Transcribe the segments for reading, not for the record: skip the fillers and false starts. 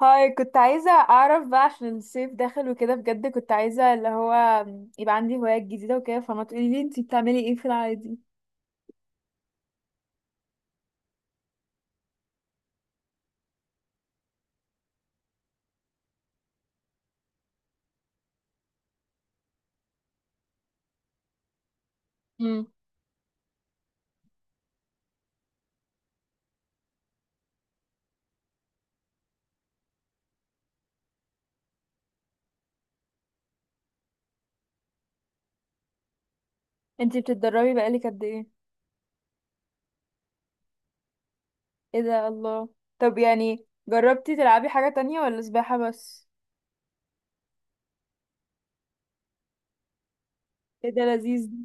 هاي كنت عايزة أعرف بقى عشان الصيف داخل وكده، بجد كنت عايزة اللي هو يبقى عندي هوايات جديدة وكده. فما تقوليلي انتي بتعملي ايه في العادي؟ مم. انتي بتتدربي بقالك قد ايه؟ ايه ده الله! طب يعني جربتي تلعبي حاجة تانية ولا سباحة بس؟ ايه ده لذيذ ده.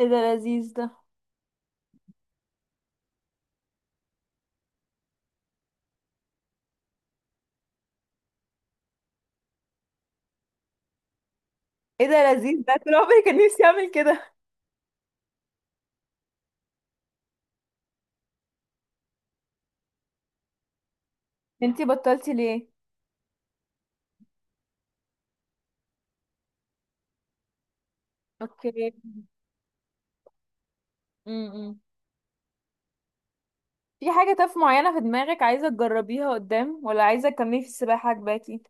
ايه ده لذيذ ده. ايه ده لذيذ ده، طول عمري كان نفسي اعمل كده. انتي بطلتي ليه؟ اوكي. مم. في حاجة طف معينة في دماغك عايزة تجربيها قدام ولا عايزة تكملي في السباحة عجباكي؟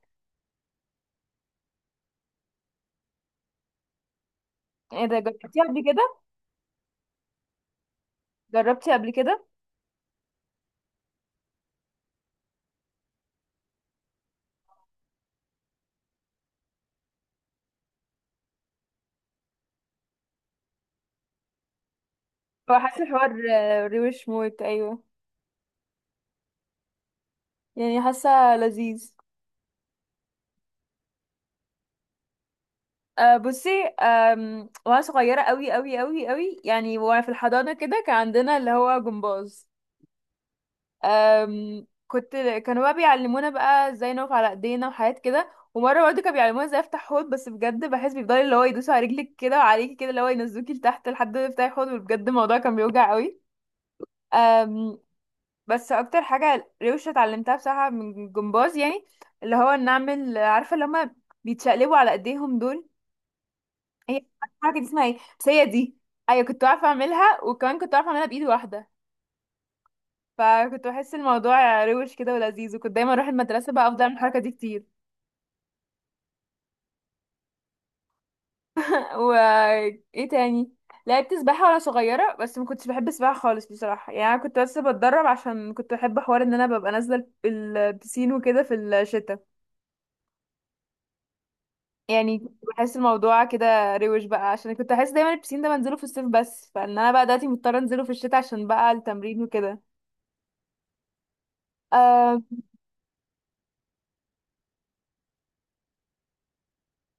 ايه ده، جربتيها قبل كده؟ جربتي قبل كده؟ هو حاسه حوار روش موت، ايوه. يعني حاسه لذيذ. أه بصي. وانا صغيره قوي قوي قوي قوي، يعني وانا في الحضانه كده كان عندنا اللي هو جمباز. كنت كانوا بقى بيعلمونا بقى ازاي نقف على ايدينا وحاجات كده. ومره برضه كانوا بيعلمونا ازاي افتح حوض، بس بجد بحس بيفضلوا اللي هو يدوسوا على رجلك كده وعليكي كده اللي هو ينزلوكي لتحت لحد ما تفتحي حوض. وبجد الموضوع كان بيوجع قوي. بس اكتر حاجه روشه اتعلمتها بصراحه من الجمباز يعني اللي هو ان اعمل عارفه اللي هما بيتشقلبوا على ايديهم دول. هي الحركه دي اسمها ايه بس؟ هي دي. ايوه، كنت عارفه اعملها وكمان كنت عارفه اعملها بايد واحده. فكنت بحس الموضوع روش كده ولذيذ، وكنت دايما اروح المدرسه بقى افضل اعمل الحركه دي كتير. و ايه تاني؟ لعبت سباحه وانا صغيره بس ما كنتش بحب السباحه خالص بصراحه. يعني أنا كنت بس بتدرب عشان كنت بحب حوار ان انا ببقى نازله البسين وكده في الشتاء يعني. بحس الموضوع كده روش بقى عشان كنت احس دايما البسين ده بنزله في الصيف بس، فان انا بقى دلوقتي مضطره انزله في الشتاء عشان بقى التمرين وكده. آه.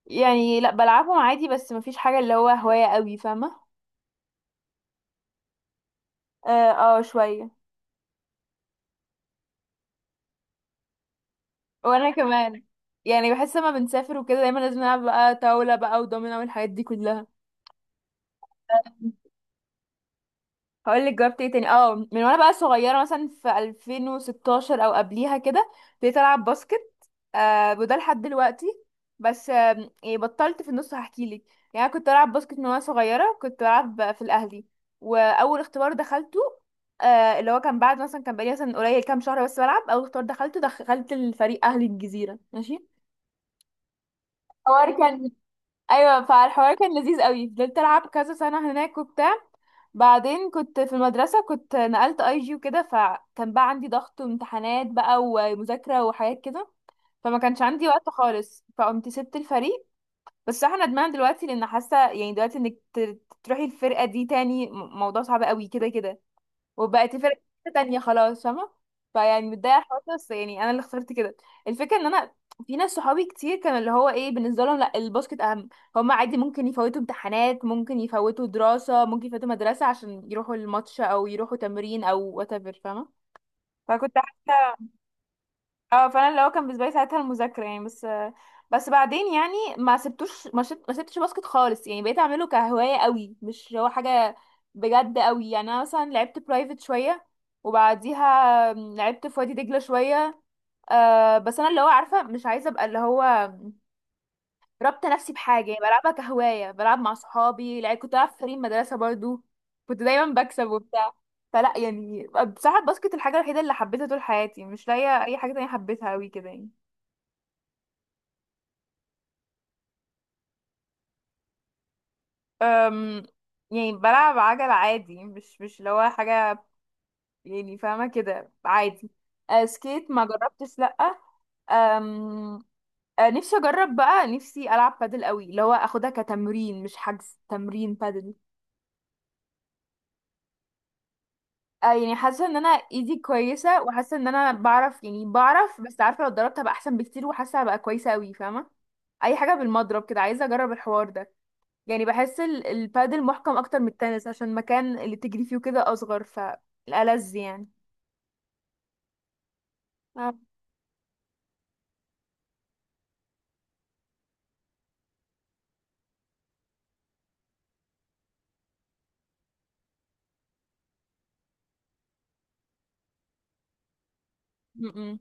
يعني لا بلعبهم عادي بس مفيش حاجه اللي هو هوايه قوي فاهمه. اه. شويه. وانا كمان يعني بحس لما بنسافر وكده دايما لازم نلعب بقى طاوله بقى ودومينو والحاجات دي كلها. هقول لك جربت ايه تاني. اه من وانا بقى صغيره مثلا في 2016 او قبليها كده ابتديت العب باسكت. آه وده لحد دلوقتي بس آه، يعني بطلت في النص هحكي لك. يعني أنا كنت العب باسكت من وانا صغيره، كنت بلعب في الاهلي. واول اختبار دخلته آه اللي هو كان بعد مثلا كان بقالي مثلا قليل كام شهر بس بلعب، اول اختبار دخلته دخلت الفريق اهلي الجزيره ماشي. الحوار كان، ايوه، فالحوار كان لذيذ قوي. فضلت العب كذا سنه هناك وبتاع. بعدين كنت في المدرسه، كنت نقلت اي جي وكده، فكان بقى عندي ضغط وامتحانات بقى ومذاكره وحاجات كده. فما كانش عندي وقت خالص فقمت سبت الفريق. بس انا ندمان دلوقتي لان حاسه يعني دلوقتي انك تروحي الفرقه دي تاني، موضوع صعب قوي كده كده. وبقت فرق تانية خلاص فاهمة. فيعني متضايقة الحوار ده، بس يعني أنا اللي اخترت كده. الفكرة إن أنا في ناس صحابي كتير كانوا اللي هو إيه بالنسبة لهم، لأ الباسكت أهم. هما عادي ممكن يفوتوا امتحانات، ممكن يفوتوا دراسة، ممكن يفوتوا مدرسة عشان يروحوا الماتش أو يروحوا تمرين أو whatever فاهمة. فكنت حاسة، اه فانا اللي هو كان بالنسبه لي ساعتها المذاكره يعني بس. بس بعدين يعني ما سبتوش ما, شت... ما سبتش باسكت خالص يعني، بقيت اعمله كهوايه قوي مش هو حاجه بجد قوي يعني. انا مثلا لعبت برايفت شويه، وبعديها لعبت في وادي دجله شويه. آه بس انا اللي هو عارفه مش عايزه ابقى اللي هو ربط نفسي بحاجه، يعني بلعبها كهوايه بلعب مع صحابي لعب. كنت بلعب في فريق مدرسه برضو، كنت دايما بكسب وبتاع. فلا يعني بصراحه الباسكت الحاجه الوحيده اللي حبيتها طول حياتي، مش لاقيه اي حاجه تانية حبيتها قوي كده يعني. أم، يعني بلعب عجل عادي، مش اللي هو حاجة يعني فاهمة كده عادي. أه سكيت ما جربتش لأ. أم، أه نفسي أجرب بقى، نفسي ألعب بادل قوي اللي هو أخدها كتمرين، مش حجز تمرين بادل. أه يعني حاسة إن أنا إيدي كويسة وحاسة إن أنا بعرف، يعني بعرف بس عارفة لو اتدربت هبقى أحسن بكتير، وحاسة هبقى كويسة قوي فاهمة. أي حاجة بالمضرب كده عايزة أجرب الحوار ده. يعني بحس البادل محكم اكتر من التنس عشان المكان اللي تجري فيه كده اصغر فالألذ يعني. اه. م-م.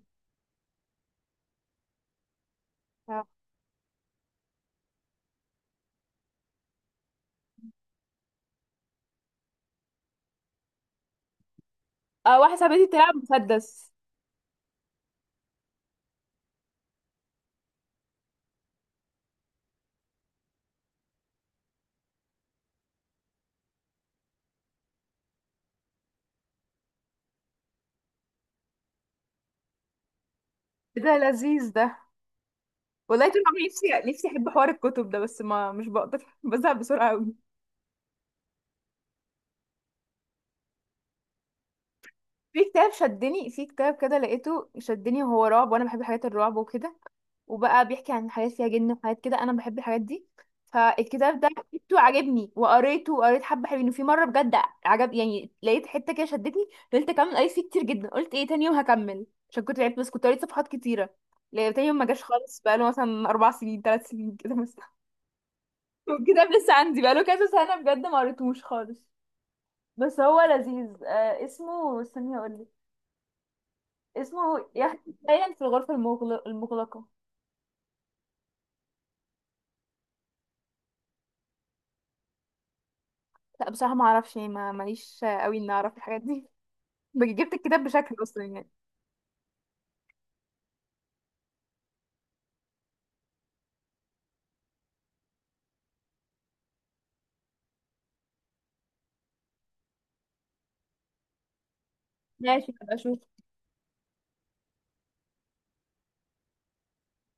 اه. واحدة صاحبتي بتلعب مسدس. إيه ده لذيذ ده، والله طول عمري نفسي نفسي احب حوار الكتب ده بس ما مش بقدر بزهق بسرعه قوي. في كتاب شدني، في كتاب كده لقيته شدني وهو رعب وانا بحب حاجات الرعب وكده، وبقى بيحكي عن حاجات فيها جن وحاجات كده انا بحب الحاجات دي. فالكتاب ده جبته عجبني وقريته، وقريت حبه حلوين، وفي مره بجد عجب يعني، لقيت حته كده شدتني فضلت اكمل قريت فيه كتير جدا. قلت ايه تاني يوم هكمل عشان كنت لعبت بس كنت قريت صفحات كتيره. لا تاني يوم ما جاش خالص، بقاله مثلا اربع سنين ثلاث سنين كده مثلا. والكتاب لسه عندي بقاله كذا سنه بجد ما قريتهوش خالص. بس هو لذيذ. آه اسمه استني اقول لك. اسمه يخت سايلنت في الغرفه المغلقه. لا بصراحة ما اعرفش يعني ما ماليش قوي اني اعرف الحاجات دي. جبت الكتاب بشكل اصلا يعني. ماشي هبقى اشوف.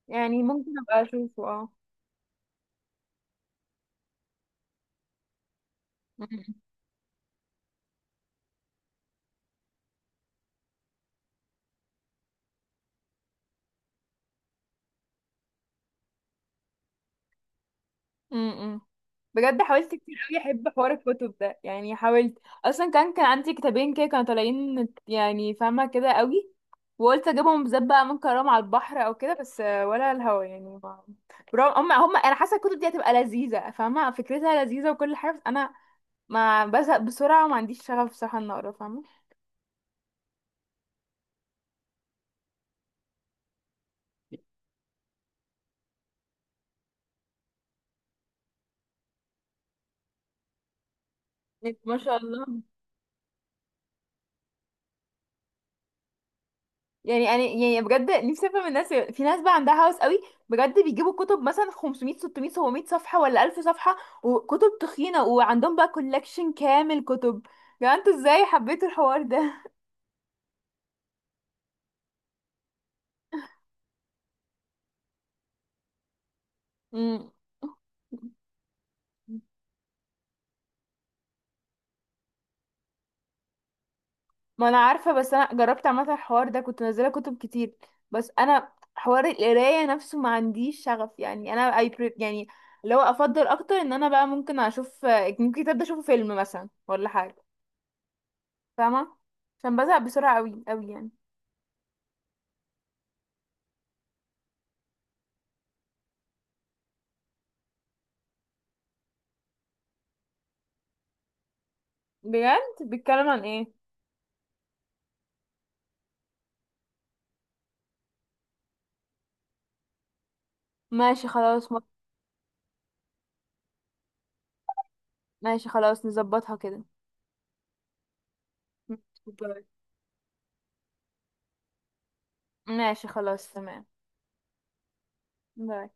يعني ممكن ابقى اشوفه اه. امم. بجد حاولت كتير قوي احب حوار الكتب ده يعني، حاولت اصلا. كان عندي كتابين كده كانوا طالعين يعني فاهمة كده قوي، وقلت اجيبهم بالذات بقى ممكن اقراهم على البحر او كده بس ولا الهوا يعني ما. برغم هم انا حاسه الكتب دي هتبقى لذيذه فاهمه، فكرتها لذيذه وكل حاجه، بس انا ما بزهق بسرعه وما عنديش شغف بصراحه ان اقرا فاهمه. ما شاء الله. يعني انا يعني بجد نفسي افهم الناس، في ناس بقى عندها هوس قوي بجد بيجيبوا كتب مثلا 500 600 700 صفحه، ولا 1000 صفحه، وكتب تخينه وعندهم بقى كولكشن كامل كتب. يعني انتوا ازاي حبيتوا الحوار ده؟ مم. ما انا عارفه، بس انا جربت عامه الحوار ده كنت منزله كتب كتير. بس انا حوار القرايه نفسه ما عنديش شغف يعني، انا اي بري يعني اللي هو افضل اكتر ان انا بقى ممكن اشوف، ممكن كتاب ده اشوفه فيلم مثلا ولا حاجه فاهمة، عشان بزهق بسرعة قوي قوي يعني. بجد؟ بيتكلم عن ايه؟ ماشي خلاص. ماشي خلاص نظبطها كده. ماشي باي. ماشي خلاص تمام. باي.